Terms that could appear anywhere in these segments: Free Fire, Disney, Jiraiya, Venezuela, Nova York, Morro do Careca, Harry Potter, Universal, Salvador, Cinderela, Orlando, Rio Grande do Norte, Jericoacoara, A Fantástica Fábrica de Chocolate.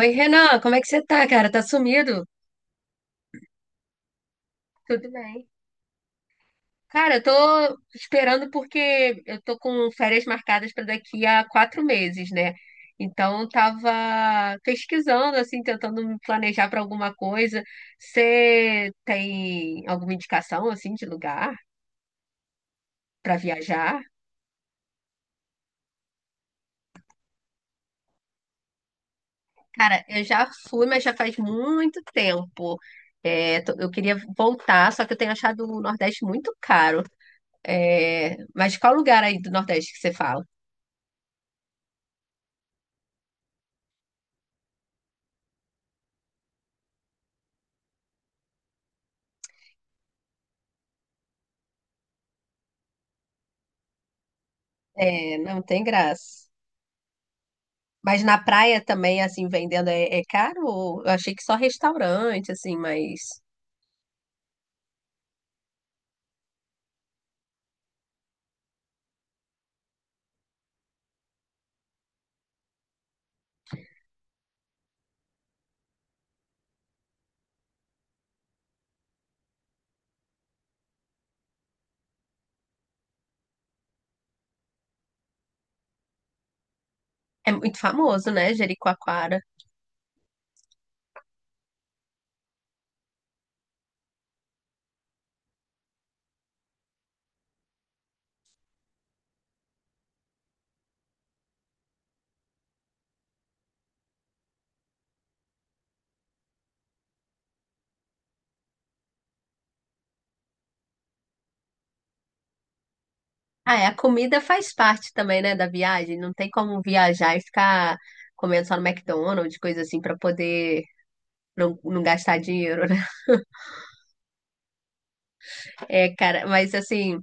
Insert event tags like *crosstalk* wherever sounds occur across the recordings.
Oi, Renan, como é que você tá, cara? Tá sumido? Tudo bem. Cara, eu tô esperando porque eu tô com férias marcadas pra daqui a 4 meses, né? Então, eu tava pesquisando, assim, tentando me planejar pra alguma coisa. Você tem alguma indicação, assim, de lugar pra viajar? Cara, eu já fui, mas já faz muito tempo. É, eu queria voltar, só que eu tenho achado o Nordeste muito caro. É, mas qual lugar aí do Nordeste que você fala? É, não tem graça. Mas na praia também, assim, vendendo é caro? Eu achei que só restaurante, assim, mas é muito famoso, né, Jericoacoara? Ah, é, a comida faz parte também, né, da viagem. Não tem como viajar e ficar comendo só no McDonald's, coisa assim, pra poder não gastar dinheiro, né? *laughs* É, cara, mas assim,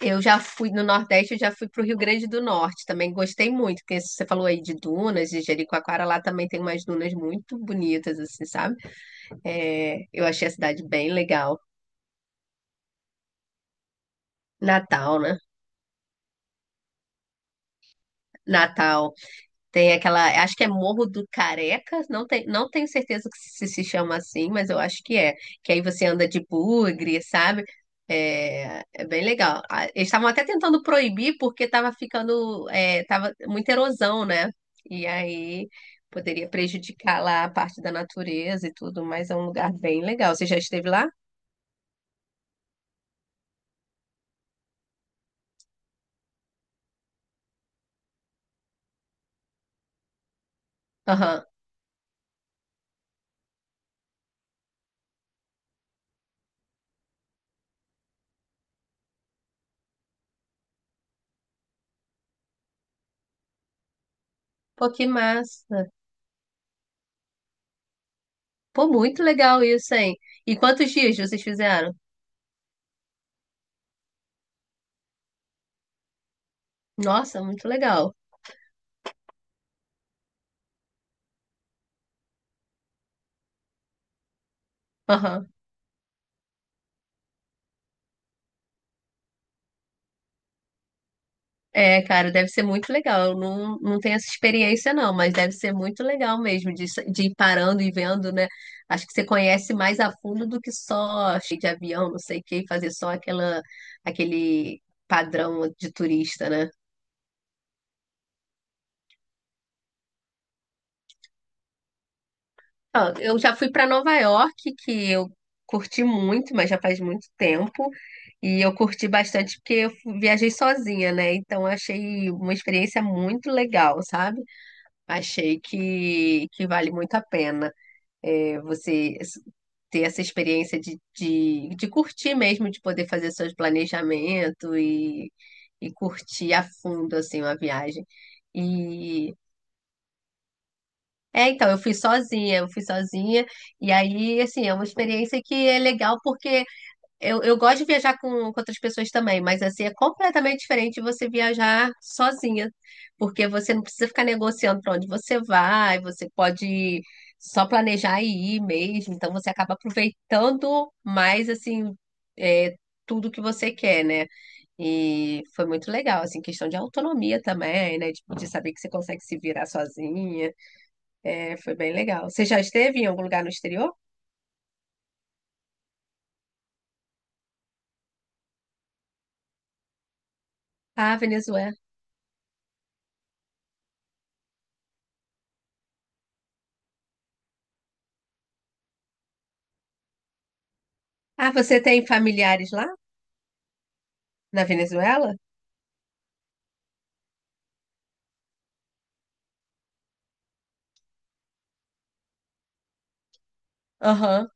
eu já fui no Nordeste, eu já fui pro Rio Grande do Norte, também gostei muito, porque você falou aí de dunas, de Jericoacoara, lá também tem umas dunas muito bonitas, assim, sabe? É, eu achei a cidade bem legal. Natal, né? Natal tem aquela, acho que é Morro do Careca, não, tem, não tenho certeza que se chama assim, mas eu acho que é. Que aí você anda de bugre, sabe? É, é bem legal. Ah, eles estavam até tentando proibir porque estava ficando, tava muita erosão, né? E aí poderia prejudicar lá a parte da natureza e tudo, mas é um lugar bem legal. Você já esteve lá? Aham. Pô, que massa. Pô, muito legal isso, hein? E quantos dias vocês fizeram? Nossa, muito legal. Aham. É, cara, deve ser muito legal. Eu não tenho essa experiência, não, mas deve ser muito legal mesmo de ir parando e vendo, né? Acho que você conhece mais a fundo do que só cheio de avião, não sei o quê, fazer só aquele padrão de turista, né? Ó, eu já fui para Nova York, que eu curti muito, mas já faz muito tempo. E eu curti bastante porque eu viajei sozinha, né? Então eu achei uma experiência muito legal, sabe? Achei que vale muito a pena, é, você s- ter essa experiência de curtir mesmo, de poder fazer seus planejamentos e curtir a fundo assim, uma viagem. É, então, eu fui sozinha, e aí, assim, é uma experiência que é legal porque eu gosto de viajar com outras pessoas também, mas assim, é completamente diferente você viajar sozinha, porque você não precisa ficar negociando para onde você vai, você pode só planejar e ir mesmo, então você acaba aproveitando mais, assim, é, tudo que você quer, né? E foi muito legal, assim, questão de autonomia também, né? De saber que você consegue se virar sozinha. É, foi bem legal. Você já esteve em algum lugar no exterior? Ah, Venezuela. Ah, você tem familiares lá na Venezuela? Aham.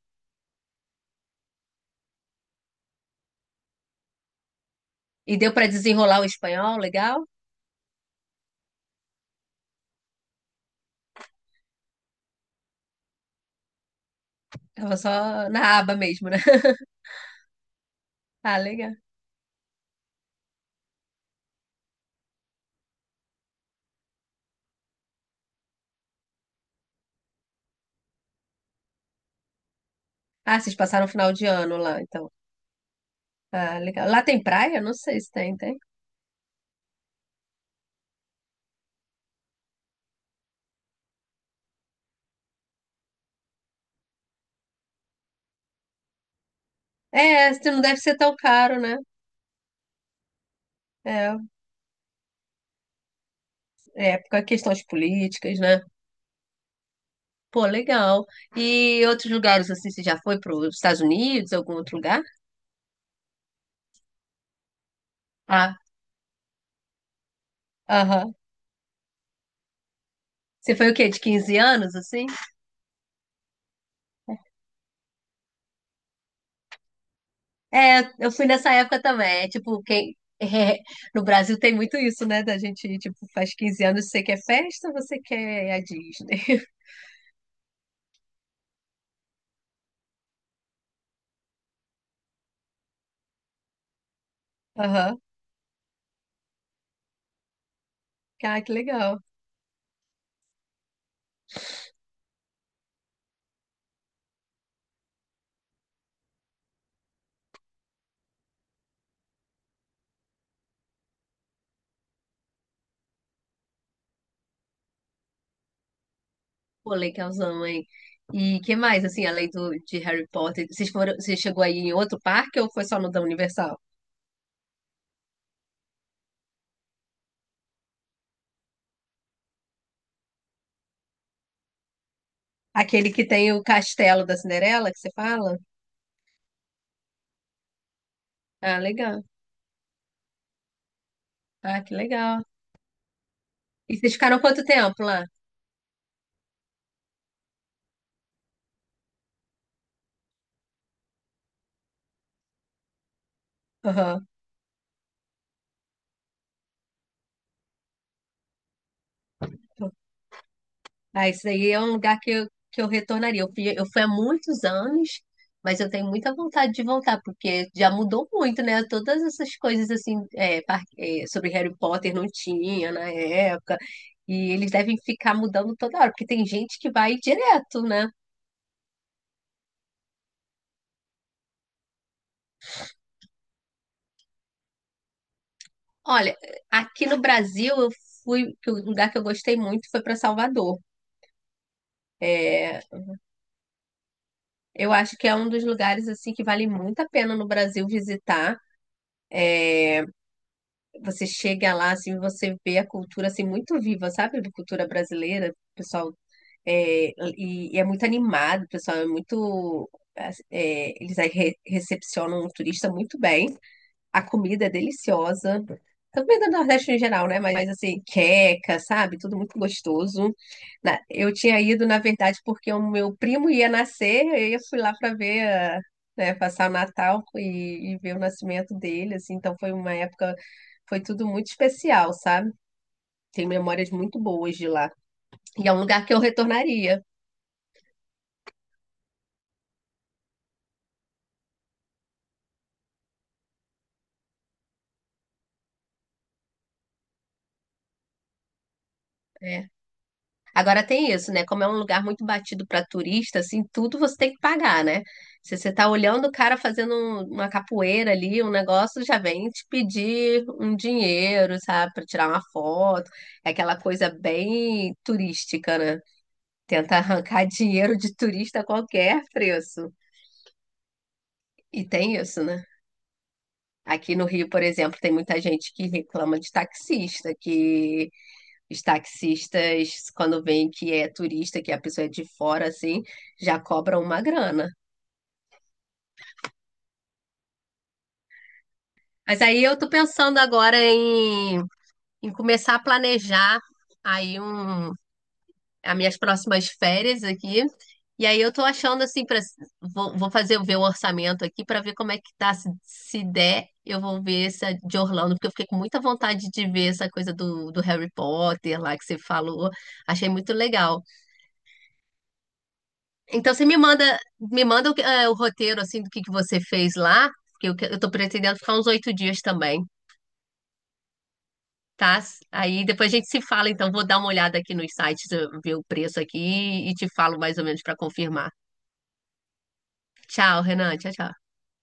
E deu para desenrolar o espanhol, legal? Tava só na aba mesmo, né? *laughs* Ah, legal. Ah, vocês passaram o final de ano lá, então. Ah, legal. Lá tem praia? Não sei se tem, tem. É, se não deve ser tão caro, né? É, é por causa de questões políticas, né? Pô, legal. E outros lugares, assim, você já foi para os Estados Unidos, algum outro lugar? Ah, aham. Você foi o quê? De 15 anos, assim? É, eu fui nessa época também. É, tipo, quem. *laughs* No Brasil tem muito isso, né? Da gente, tipo, faz 15 anos, você quer festa, ou você quer a Disney. *laughs* Aham. Ah, que legal. Pô, legalzão, hein? E que mais, assim, além de Harry Potter? Vocês foram, você chegou aí em outro parque ou foi só no da Universal? Aquele que tem o castelo da Cinderela, que você fala? Ah, legal. Ah, que legal. E vocês ficaram quanto tempo lá? Aham. Ah, isso daí é um lugar que que eu retornaria. Eu fui há muitos anos, mas eu tenho muita vontade de voltar, porque já mudou muito, né? Todas essas coisas assim, sobre Harry Potter não tinha na época, e eles devem ficar mudando toda hora, porque tem gente que vai direto, né? Olha, aqui no Brasil eu fui, que o lugar que eu gostei muito foi para Salvador. É, eu acho que é um dos lugares assim que vale muito a pena no Brasil visitar. Você chega lá, assim, você vê a cultura, assim, muito viva, sabe? A cultura brasileira, o pessoal, é, e é muito animado, o pessoal é muito, eles aí recepcionam o turista muito bem. A comida é deliciosa. Também do Nordeste em geral, né? Mas, assim, queca, sabe? Tudo muito gostoso. Eu tinha ido, na verdade, porque o meu primo ia nascer, e eu fui lá para ver, ah, né, passar o Natal e, ver o nascimento dele, assim. Então foi uma época, foi tudo muito especial, sabe? Tenho memórias muito boas de lá. E é um lugar que eu retornaria. É. Agora tem isso, né? Como é um lugar muito batido para turista, assim, tudo você tem que pagar, né? Se você tá olhando o cara fazendo uma capoeira ali, um negócio, já vem te pedir um dinheiro, sabe, para tirar uma foto. É aquela coisa bem turística, né? Tenta arrancar *laughs* dinheiro de turista a qualquer preço. E tem isso, né? Aqui no Rio, por exemplo, tem muita gente que reclama de taxista, que Os taxistas, quando veem que é turista, que a pessoa é de fora, assim, já cobram uma grana. Mas aí eu tô pensando agora em começar a planejar aí as minhas próximas férias aqui. E aí eu tô achando assim, vou fazer ver o orçamento aqui para ver como é que tá. Se der, eu vou ver essa de Orlando, porque eu fiquei com muita vontade de ver essa coisa do Harry Potter lá que você falou. Achei muito legal. Então você me manda o roteiro assim do que você fez lá, porque eu, eu tô pretendendo ficar uns 8 dias também, tá? Aí depois a gente se fala, então vou dar uma olhada aqui nos sites, eu ver o preço aqui e te falo mais ou menos para confirmar. Tchau, Renan, tchau, tchau.